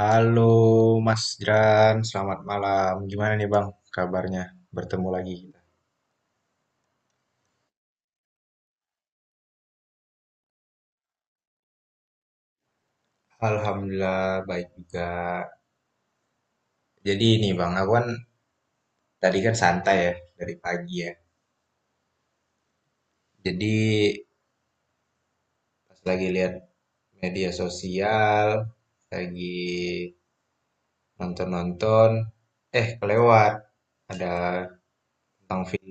Halo Mas Jeran, selamat malam. Gimana nih Bang kabarnya? Bertemu lagi kita. Alhamdulillah baik juga. Jadi ini Bang, aku kan tadi kan santai ya dari pagi ya. Jadi pas lagi lihat media sosial, lagi nonton-nonton, eh kelewat ada tentang film.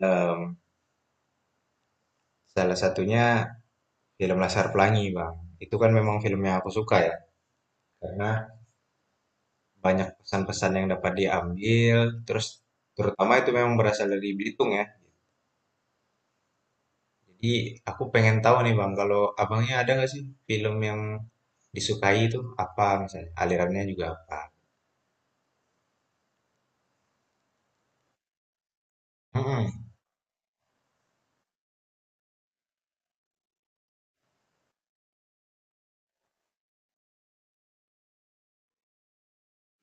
Salah satunya film Laskar Pelangi Bang. Itu kan memang film yang aku suka ya. Karena banyak pesan-pesan yang dapat diambil, terus terutama itu memang berasal dari Belitung ya. Jadi aku pengen tahu nih Bang, kalau abangnya ada nggak sih film yang disukai itu apa misalnya, alirannya juga apa? hmm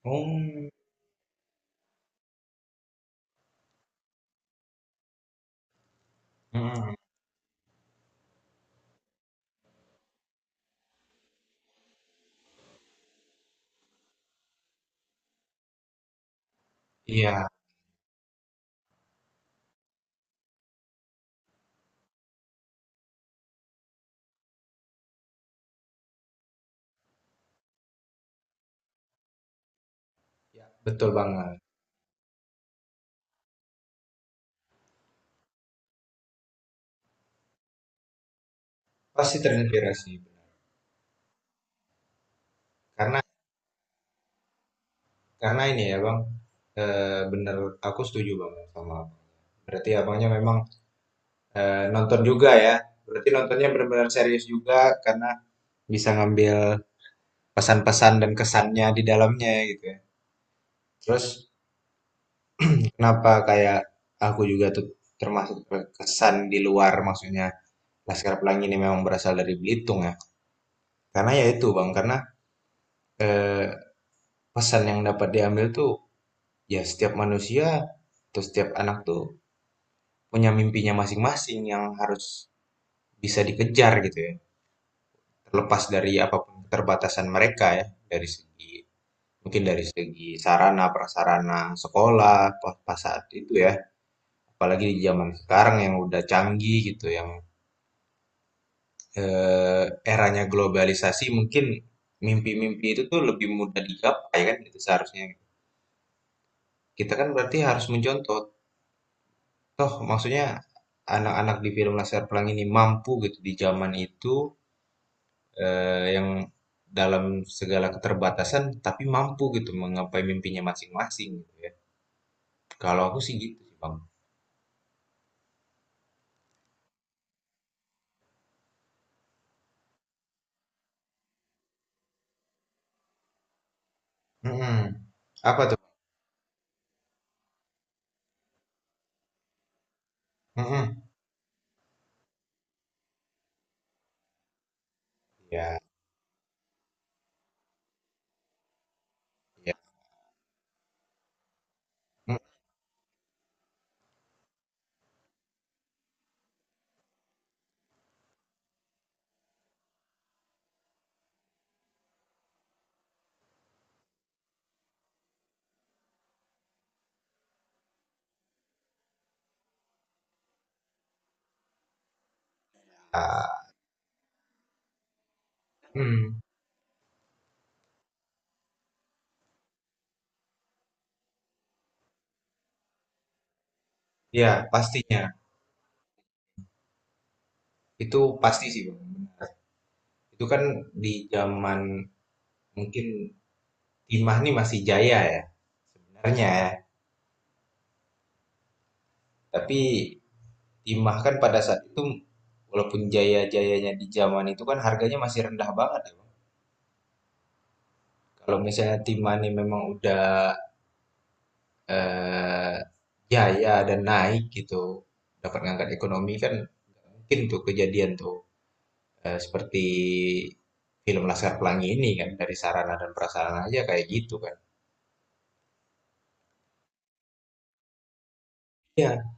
mm Hmm, Iya, iya, betul banget. Pasti terinspirasi. Benar. Karena ini ya Bang, bener aku setuju banget sama Abang. Berarti abangnya memang nonton juga ya. Berarti nontonnya benar-benar serius juga karena bisa ngambil pesan-pesan dan kesannya di dalamnya gitu ya. Terus kenapa kayak aku juga tuh termasuk kesan di luar maksudnya Laskar Pelangi ini memang berasal dari Belitung ya. Karena ya itu Bang, karena eh, pesan yang dapat diambil tuh ya setiap manusia atau setiap anak tuh punya mimpinya masing-masing yang harus bisa dikejar gitu ya. Terlepas dari apapun keterbatasan mereka ya dari segi mungkin dari segi sarana prasarana sekolah pas pas saat itu ya. Apalagi di zaman sekarang yang udah canggih gitu, yang eh, eranya globalisasi mungkin mimpi-mimpi itu tuh lebih mudah digapai kan gitu seharusnya. Kita kan berarti harus mencontoh. Toh maksudnya anak-anak di film Laskar Pelangi ini mampu gitu di zaman itu, yang dalam segala keterbatasan tapi mampu gitu menggapai mimpinya masing-masing gitu ya. Kalau aku sih gitu sih, Bang. Mm-mm. Apa tuh? Mm-mm. Ya, ya. Mm. Ah, mm. Ya, pastinya. Itu pasti sih Bang. Itu kan di zaman mungkin timah nih masih jaya ya sebenarnya ya. Tapi timah kan pada saat itu walaupun jaya-jayanya di zaman itu kan harganya masih rendah banget ya Bang. Kalau misalnya timah nih memang udah eh, jaya dan naik gitu dapat ngangkat ekonomi kan nggak mungkin tuh kejadian tuh. Eh, seperti film Laskar Pelangi ini kan dari sarana dan prasarana aja kayak gitu kan. Iya.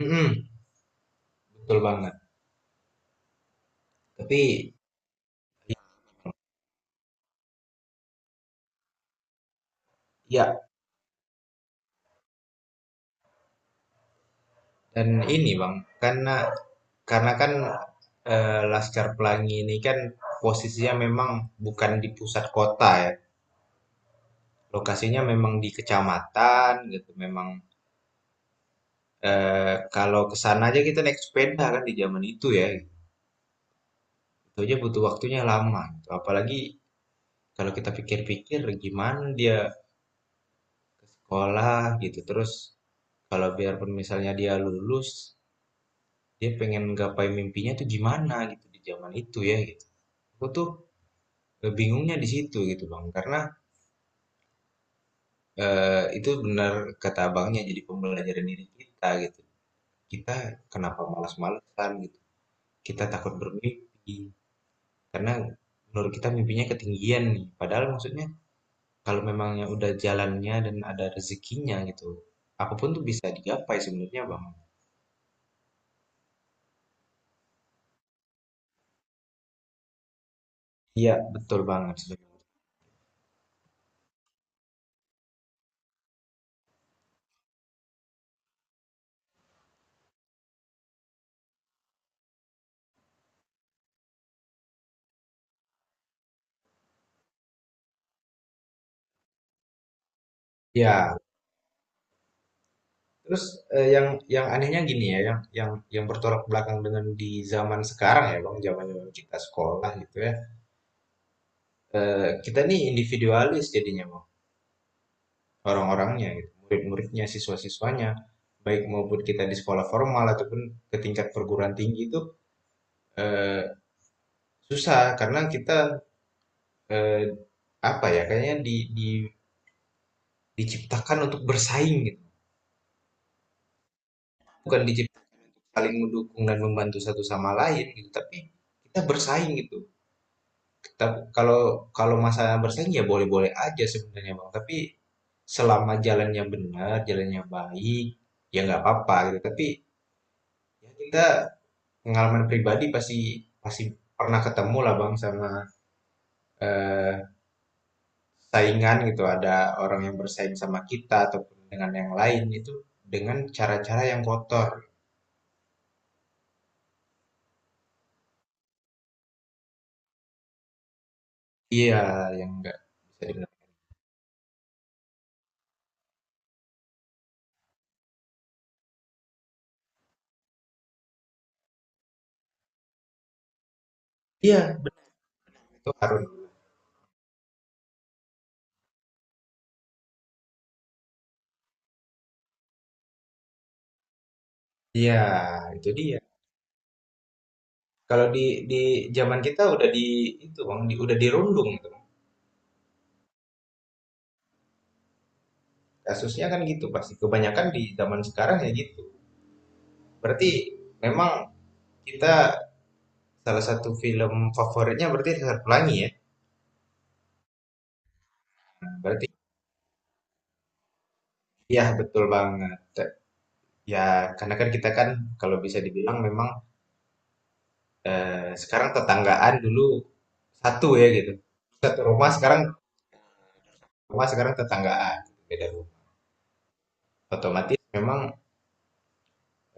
Mm-mm. Betul banget. Tapi ya, dan ini Bang, karena karena Laskar Pelangi ini kan posisinya memang bukan di pusat kota ya. Lokasinya memang di kecamatan gitu. Memang kalau ke sana aja kita naik sepeda kan di zaman itu ya. Itu aja butuh waktunya lama gitu. Apalagi kalau kita pikir-pikir gimana dia ke sekolah gitu. Terus kalau biarpun misalnya dia lulus, dia pengen gapai mimpinya tuh gimana gitu di zaman itu ya gitu. Aku tuh bingungnya di situ gitu Bang, karena itu benar kata Abangnya jadi pembelajaran diri kita gitu. Kita kenapa malas-malesan gitu. Kita takut bermimpi karena menurut kita mimpinya ketinggian nih. Padahal maksudnya kalau memangnya udah jalannya dan ada rezekinya gitu, apapun tuh bisa digapai sebenarnya Bang. Iya, betul banget. Sebenarnya. Ya, terus yang anehnya gini ya, yang yang bertolak belakang dengan di zaman sekarang ya, Bang, zaman kita sekolah gitu ya. Eh, kita nih individualis jadinya, Bang. Orang-orangnya gitu, murid-muridnya, siswa-siswanya, baik maupun kita di sekolah formal ataupun ke tingkat perguruan tinggi itu eh, susah karena kita eh, apa ya, kayaknya di diciptakan untuk bersaing gitu. Bukan diciptakan saling mendukung dan membantu satu sama lain gitu, tapi kita bersaing gitu. Tapi kalau kalau masalah bersaing ya boleh-boleh aja sebenarnya Bang. Tapi selama jalannya benar, jalannya baik, ya nggak apa-apa gitu. Tapi ya kita pengalaman pribadi pasti pasti pernah ketemu lah Bang sama eh, saingan gitu. Ada orang yang bersaing sama kita ataupun dengan yang lain itu dengan cara-cara yang kotor. Iya, yang nggak bisa dibilang. Iya, itu harus. Iya, itu dia. Kalau di di zaman kita udah itu Bang, di, udah dirundung. Kasusnya kan gitu pasti. Kebanyakan di zaman sekarang ya gitu. Berarti memang kita salah satu film favoritnya berarti Sesar Pelangi ya. Berarti iya betul banget. Ya karena kan kita kan kalau bisa dibilang memang sekarang tetanggaan dulu satu ya gitu. Satu rumah sekarang tetanggaan beda rumah. Otomatis memang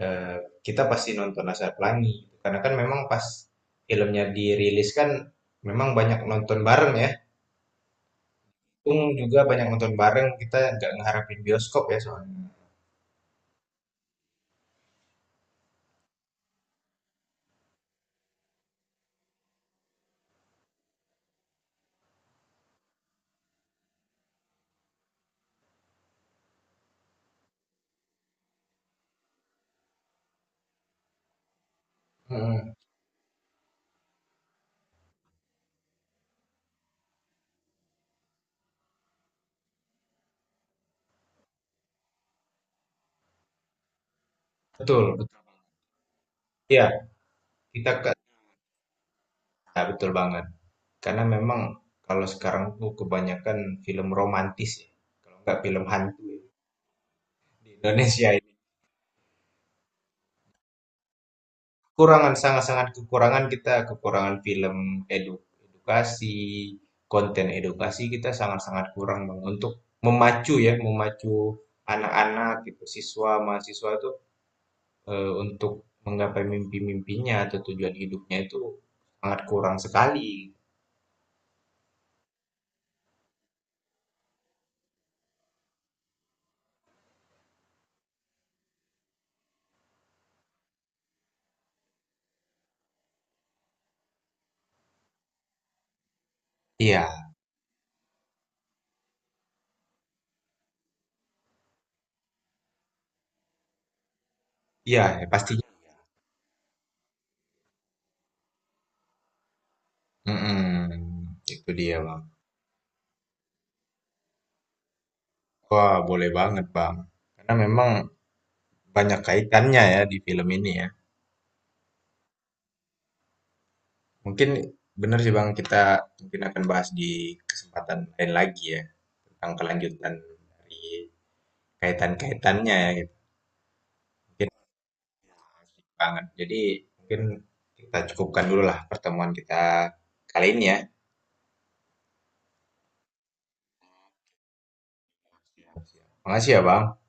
eh, kita pasti nonton Sesar Pelangi karena kan memang pas filmnya dirilis kan memang banyak nonton bareng ya. Untung juga banyak nonton bareng, kita nggak ngeharapin bioskop ya soalnya. Mm, betul, betul. Iya, kita ke, nah, betul banget. Karena memang kalau sekarang tuh kebanyakan film romantis ya, kalau nggak film hantu ya, di Indonesia ini. Kekurangan, sangat-sangat kekurangan kita, kekurangan film edukasi, konten edukasi kita sangat-sangat kurang Bang. Untuk memacu ya, memacu anak-anak gitu, siswa, mahasiswa itu untuk menggapai mimpi-mimpinya atau tujuan hidupnya itu sangat kurang sekali. Iya, iya ya pastinya. Mm-mm, itu dia bang. Wah boleh banget bang. Karena memang banyak kaitannya ya di film ini ya. Mungkin benar sih bang kita mungkin akan bahas di kesempatan lain lagi ya tentang kelanjutan dari kaitan-kaitannya ya. Gitu. Mungkin asik banget. Jadi mungkin kita cukupkan dulu lah pertemuan kita kali ini ya. Makasih ya Bang.